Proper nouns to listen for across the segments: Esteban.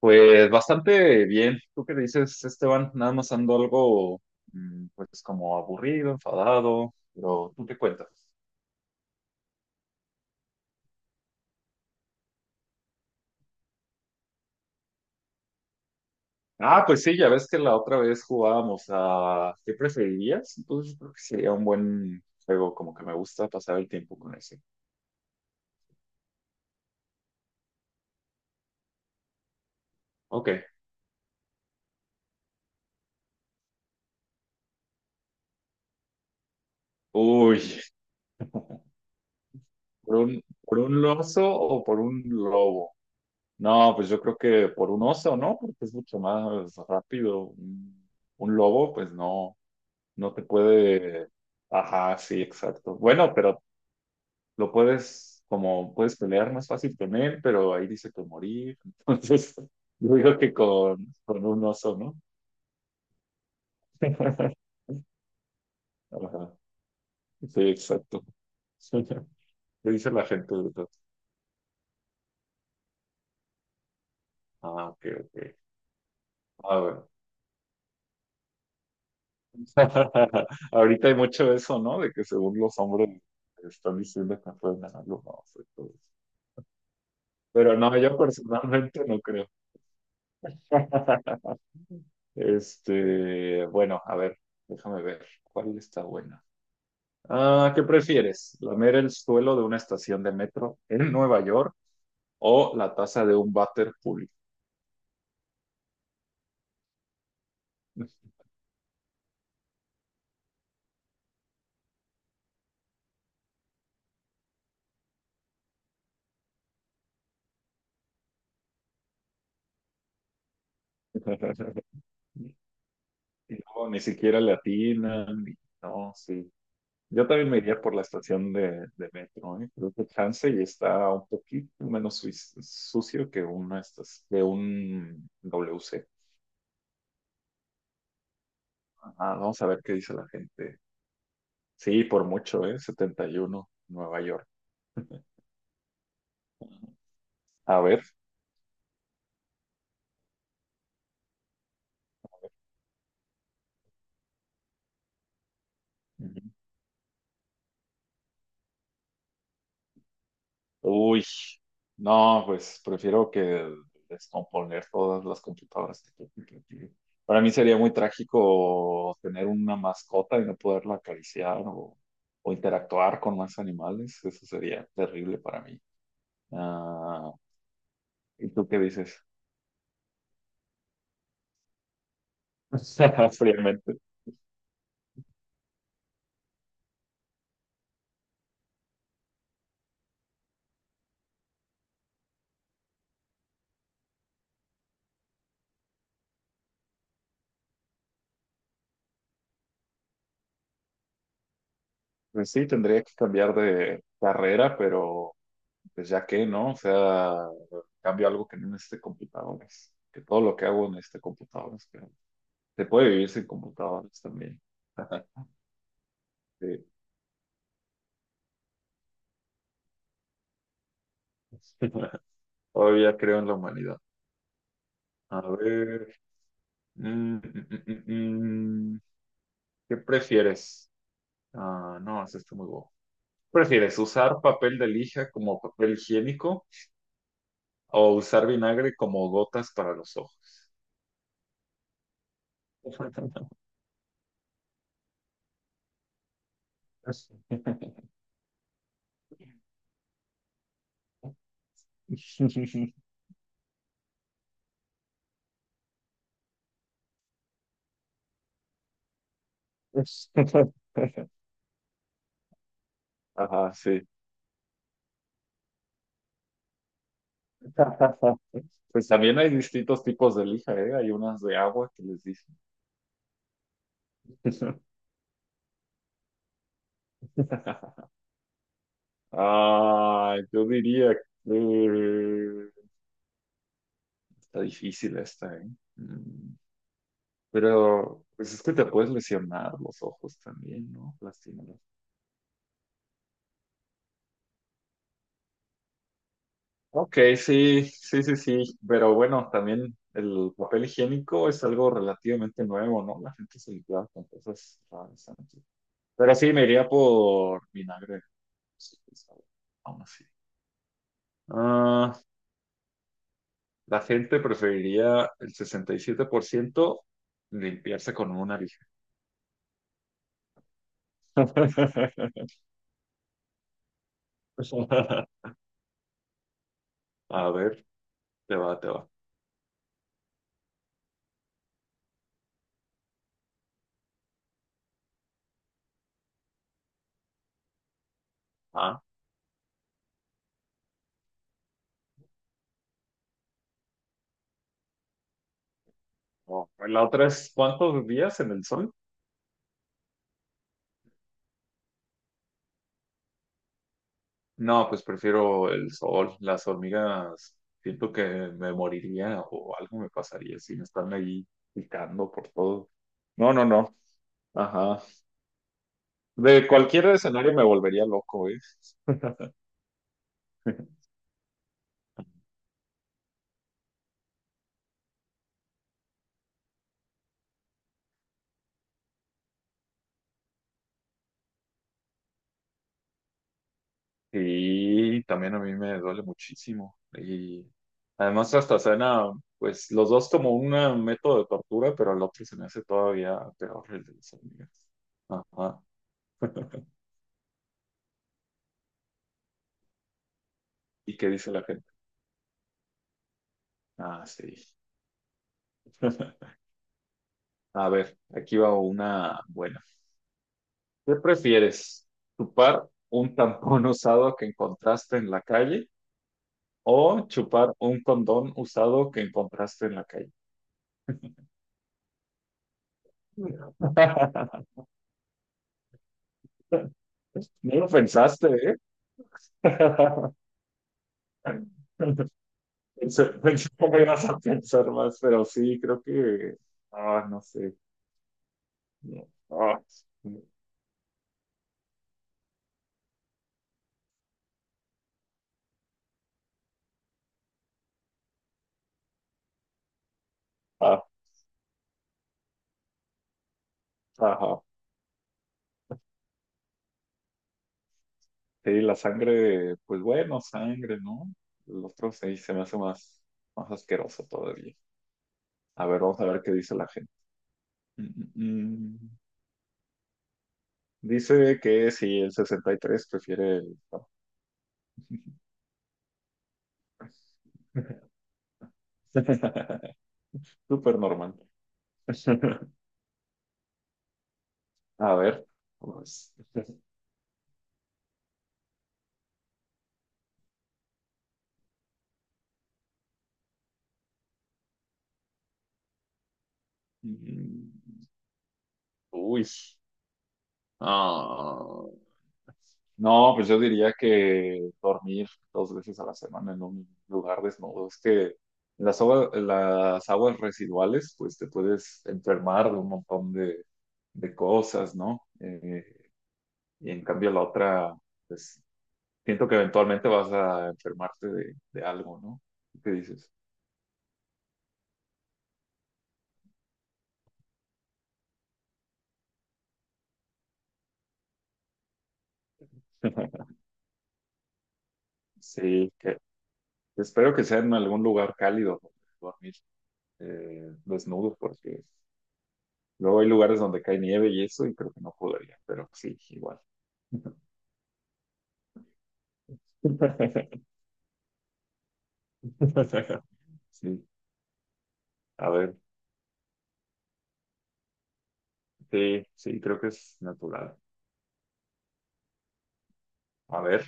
Pues bastante bien. ¿Tú qué dices, Esteban? Nada más ando algo, pues como aburrido, enfadado, pero tú te cuentas. Ah, pues sí, ya ves que la otra vez jugábamos a ¿qué preferirías? Entonces yo creo que sería un buen juego, como que me gusta pasar el tiempo con ese. Ok. Uy, ¿por un oso o por un lobo? No, pues yo creo que por un oso, ¿no? Porque es mucho más rápido. Un lobo, pues no. No te puede... Ajá, sí, exacto. Bueno, pero lo puedes, como puedes pelear más fácil con él, pero ahí dice que morir. Entonces, yo digo que con un oso, ¿no? Ajá, sí, exacto. ¿Qué dice la gente? ¿Verdad? Ah, ok, ok. Ah, bueno. Ahorita hay mucho eso, ¿no? De que según los hombres están diciendo que no pueden ganarlo, no sé, todo eso. Pero no, yo personalmente no creo. Este, bueno, a ver, déjame ver cuál está buena. Ah, ¿qué prefieres? ¿Lamer el suelo de una estación de metro en Nueva York o la taza de un váter público? No, ni siquiera latinan. No, sí. Yo también me iría por la estación de metro, ¿eh? Creo que chance y está un poquito menos sucio que que un WC. Ah, vamos a ver qué dice la gente. Sí, por mucho, ¿eh? 71, Nueva York. A ver. Ujú. Uy, no, pues prefiero que descomponer todas las computadoras que tengo que tener. Para mí sería muy trágico tener una mascota y no poderla acariciar o interactuar con más animales. Eso sería terrible para mí. Ah, ¿y tú qué dices? Fríamente. Pues sí, tendría que cambiar de carrera, pero pues ya que, ¿no? O sea, cambio algo que no necesite computadores. Que todo lo que hago en este computador. Se puede vivir sin computadoras también. Sí. Todavía creo en la humanidad. A ver. mm, mm, mm, mm, mm, ¿Qué prefieres? Ah, no, es está muy bobo. ¿Prefieres usar papel de lija como papel higiénico o usar vinagre como gotas para los ojos? Ajá, sí. Pues también hay distintos tipos de lija, ¿eh? Hay unas de agua que les dicen. Ah, yo diría que está difícil esta, ¿eh? Mm, Pero, pues es que te puedes lesionar los ojos también, ¿no? Lastimarlos. Ok, sí, sí, sí, sí. Pero bueno, también el papel higiénico es algo relativamente nuevo, ¿no? La gente se limpia con cosas raras antes. Pero sí, me iría por vinagre. Sí, pues, aún así. Ah, la gente preferiría el 67% limpiarse con una. A ver, te va, te va. Ah, no. La otra es ¿cuántos días en el sol? No, pues prefiero el sol. Las hormigas, siento que me moriría o algo me pasaría si me están ahí picando por todo. No, no, no. Ajá. De cualquier escenario me volvería loco, ¿eh? Sí, también a mí me duele muchísimo. Y además hasta suena, pues los dos como un método de tortura, pero el otro se me hace todavía peor, el de las hormigas. Ajá. ¿Y qué dice la gente? Ah, sí. A ver, aquí va una buena. ¿Qué prefieres? ¿Chupar un tampón usado que encontraste en la calle o chupar un condón usado que encontraste en la calle? No lo pensaste, ¿eh? Pensé cómo ibas a pensar más, pero sí, creo que, ah, no sé, no, ah, ah, ajá. Sí, la sangre, pues bueno, sangre, ¿no? El otro sí se me hace más, más asqueroso todavía. A ver, vamos a ver qué dice la gente. Mm, mm, mm. Dice que sí, el 63 prefiere el... no. Súper normal. A ver, vamos. Mm, Uy. Ah, no, pues yo diría que dormir dos veces a la semana en un lugar desnudo. Es que las aguas residuales, pues te puedes enfermar de un montón de cosas, ¿no? Y en cambio la otra, pues siento que eventualmente vas a enfermarte de algo, ¿no? ¿Qué dices? Sí, que espero que sea en algún lugar cálido donde dormir desnudo, porque luego hay lugares donde cae nieve y eso, y creo que no podría, pero sí, igual. Sí, a ver, sí, sí, creo que es natural. A ver,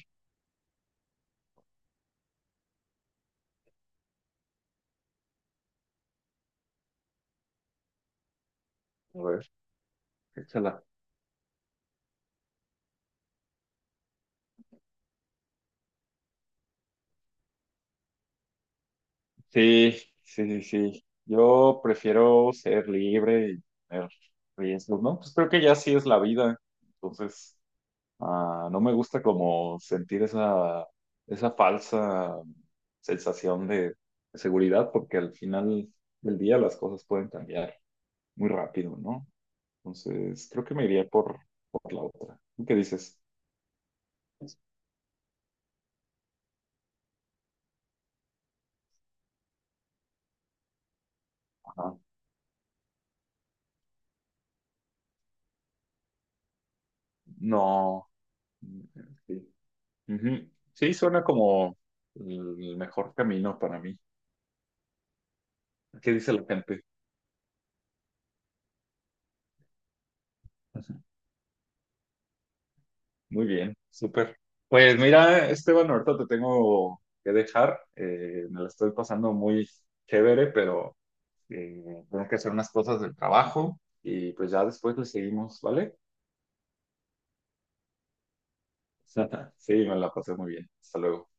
a ver, échala. Sí, sí, sí, sí. Yo prefiero ser libre y tener riesgos, ¿no? Pues creo que ya sí es la vida. Entonces, ah, no me gusta como sentir esa, falsa sensación de seguridad, porque al final del día las cosas pueden cambiar muy rápido, ¿no? Entonces, creo que me iría por la otra. ¿Tú qué dices? Ajá. No. Mm. Sí. Ujú. Sí, suena como el mejor camino para mí. ¿Qué dice la gente? Ujú. Muy bien, súper. Pues mira, Esteban, ahorita te tengo que dejar. Me la estoy pasando muy chévere, pero tengo que hacer unas cosas del trabajo y pues ya después le seguimos, ¿vale? Sí, me la pasé muy bien. Hasta luego.